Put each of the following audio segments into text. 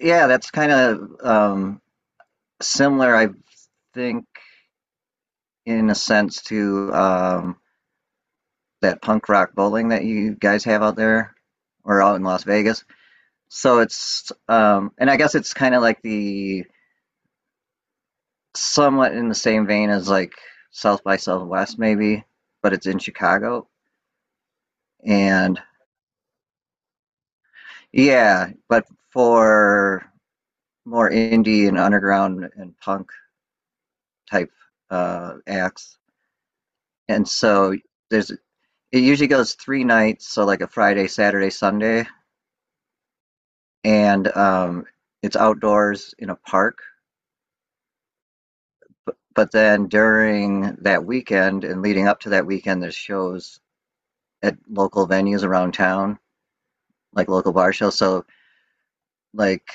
Yeah, that's kind of similar, I think, in a sense to that punk rock bowling that you guys have out there or out in Las Vegas. So it's, and I guess it's kind of like the somewhat in the same vein as like South by Southwest, maybe, but it's in Chicago. And yeah, but for more indie and underground and punk type acts. And so there's It usually goes three nights, so like a Friday, Saturday, Sunday, and it's outdoors in a park. But then during that weekend and leading up to that weekend, there's shows at local venues around town, like local bar shows. So like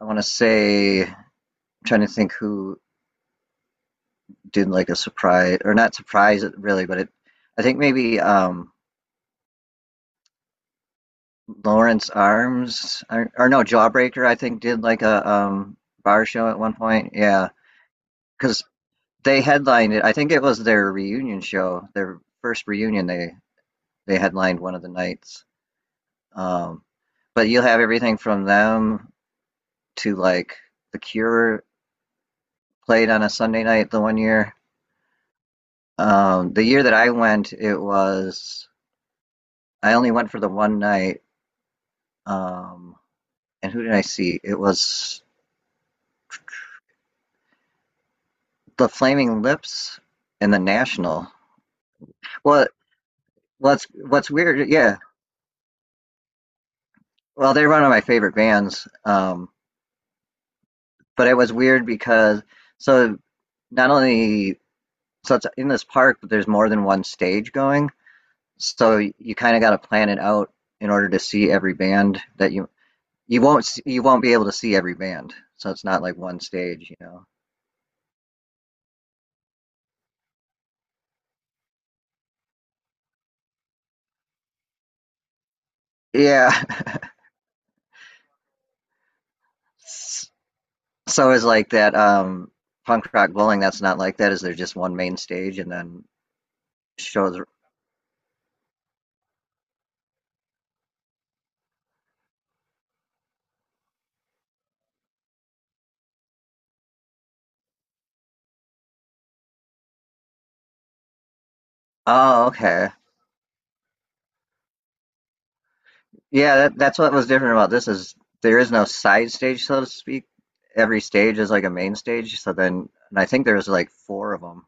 I want to say, I'm trying to think who did like a surprise or not surprise it really, but it I think maybe Lawrence Arms or no, Jawbreaker I think did like a bar show at one point. Yeah, because they headlined it. I think it was their reunion show, their first reunion. They headlined one of the nights. Um, but you'll have everything from them to like The Cure played on a Sunday night the one year. The year that I went, it was I only went for the one night. Um, and who did I see? It was the Flaming Lips and the National. Well, what's weird? Yeah, well, they're one of my favorite bands. But it was weird because so not only so it's in this park, but there's more than one stage going. So you kind of got to plan it out in order to see every band that you won't be able to see every band. So it's not like one stage, you know. Yeah. So it's like that punk rock bowling. That's not like that. Is there just one main stage and then shows? Oh, okay. Yeah, that's what was different about this is there is no side stage, so to speak. Every stage is like a main stage. So then, and I think there was like 4 of them.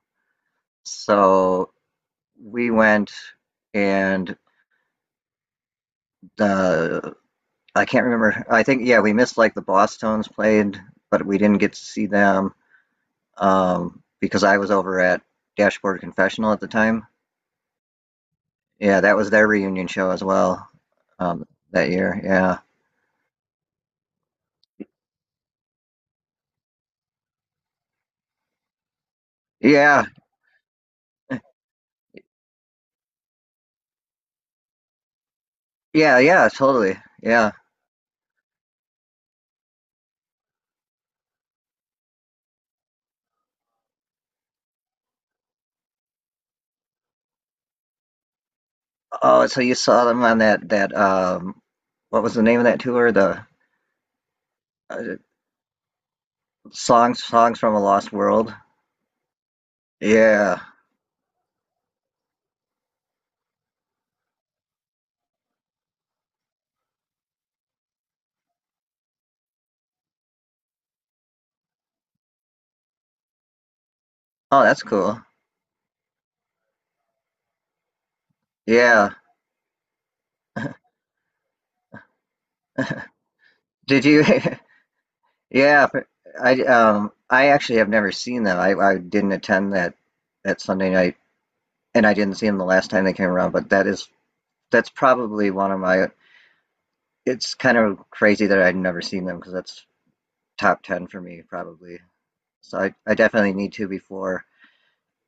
So we went and the I can't remember. I think yeah, we missed like the Boston's played, but we didn't get to see them because I was over at Dashboard Confessional at the time. Yeah, that was their reunion show as well, um, that year. Yeah, yeah, yeah, totally. Yeah. Oh, so you saw them on that what was the name of that tour? The uh, songs songs from a lost world. Yeah. Oh, that's cool. Yeah. Did you? Yeah. But I actually have never seen them. I didn't attend that Sunday night, and I didn't see them the last time they came around. But that is that's probably one of my. It's kind of crazy that I'd never seen them because that's top 10 for me probably. So I definitely need to before.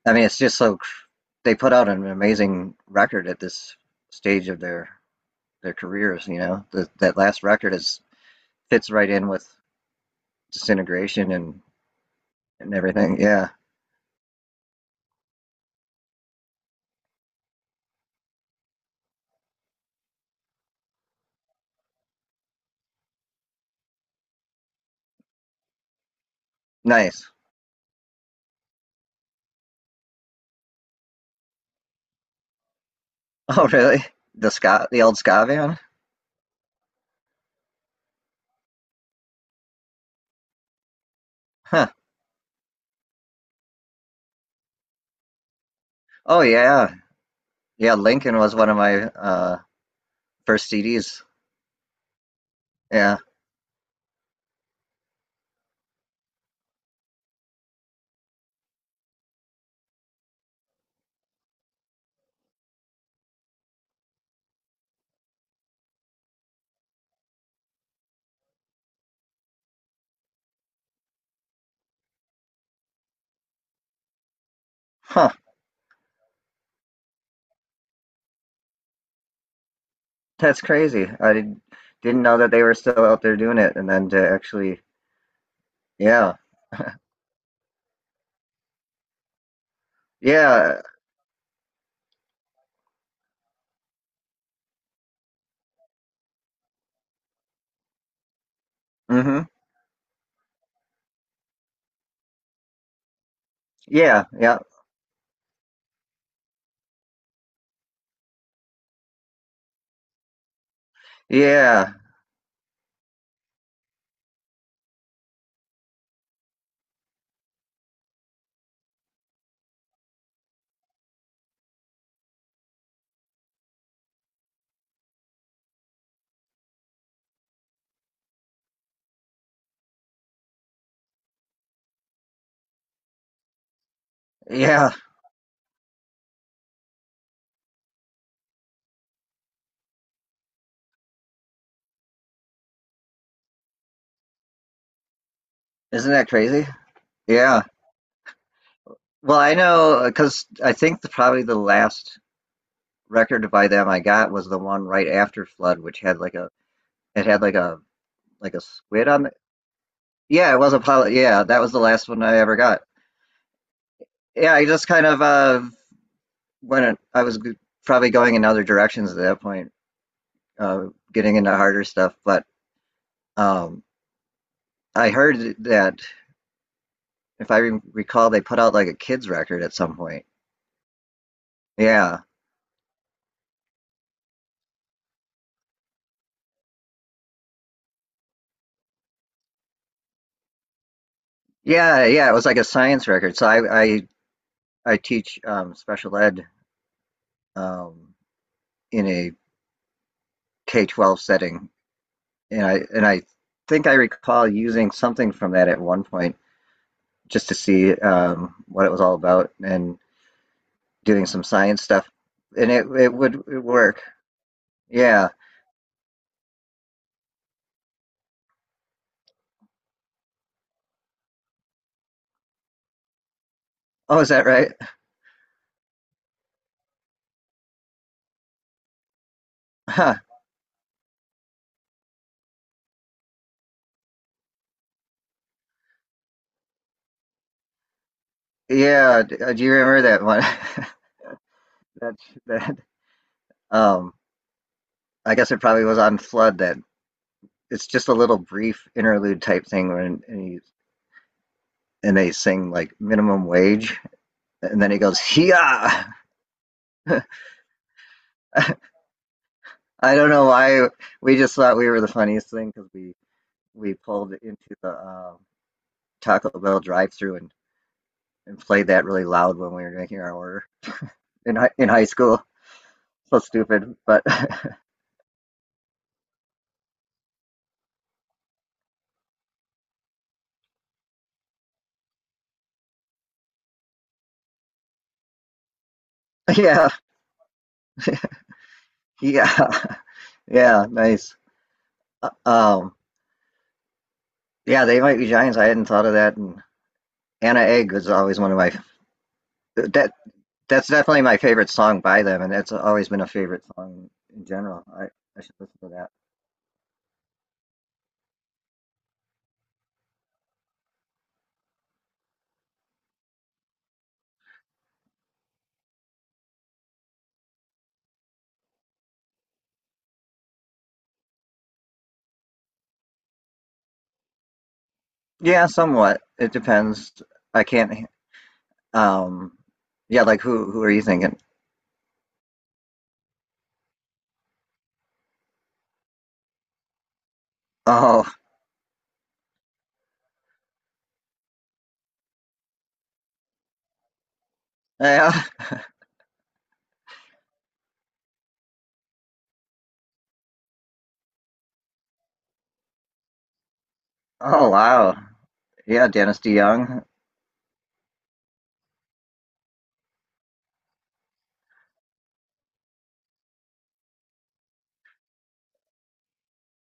I mean, it's just so they put out an amazing record at this stage of their careers. You know, that last record is fits right in with disintegration and everything. Yeah, nice. Oh, really? The ska, the old ska van? Huh. Oh yeah, yeah. Lincoln was one of my first CDs. Yeah. Huh. That's crazy. I didn't know that they were still out there doing it, and then to actually, yeah, yeah. Mm-hmm. Yeah, yeah, yeah, yeah. Isn't that crazy? Yeah. Well, I know because I think probably the last record by them I got was the one right after Flood, which had like a it had like a squid on it. Yeah, it was a pilot. Yeah, that was the last one I ever got. Yeah, I just kind of when it, I was g- probably going in other directions at that point, uh, getting into harder stuff. But um, I heard that if I re recall, they put out like a kids record at some point. Yeah, yeah, yeah. It was like a science record. So I I teach special ed um, in a K-12 setting, and I think I recall using something from that at one point just to see what it was all about and doing some science stuff, and it would it work. Yeah. Oh, is that right? Huh. Yeah. Do you remember that one? That that. Um, I guess it probably was on Flood. That It's just a little brief interlude type thing when and they sing like minimum wage. And then he goes, "Yeah." I don't know why we just thought we were the funniest thing because we pulled into the Taco Bell drive-through and played that really loud when we were making our order in high school. So stupid, but yeah, yeah, yeah, nice. Uh, Um, yeah, They Might Be Giants. I hadn't thought of that. And Anna Egg was always one of my that that's definitely my favorite song by them, and that's always been a favorite song in general. I should listen to that. Yeah, somewhat. It depends. I can't. Um, yeah, like who? Who are you thinking? Oh, yeah. Oh, wow. Yeah, Dennis DeYoung.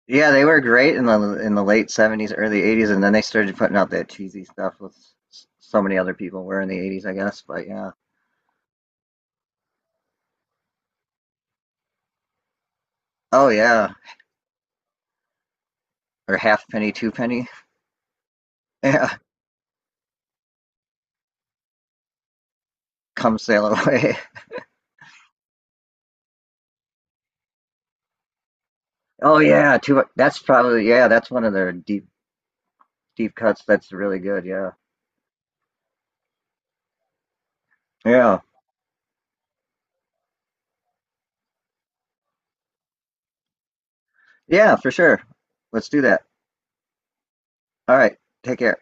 Yeah, they were great in the late '70s, early '80s, and then they started putting out that cheesy stuff with so many other people were in the '80s, I guess. But yeah. Oh yeah. Or Halfpenny, Twopenny. Yeah. Come Sail Away. Oh yeah. Two. That's probably yeah. That's one of their deep cuts. That's really good. Yeah. Yeah. Yeah, for sure. Let's do that. Alright, take care.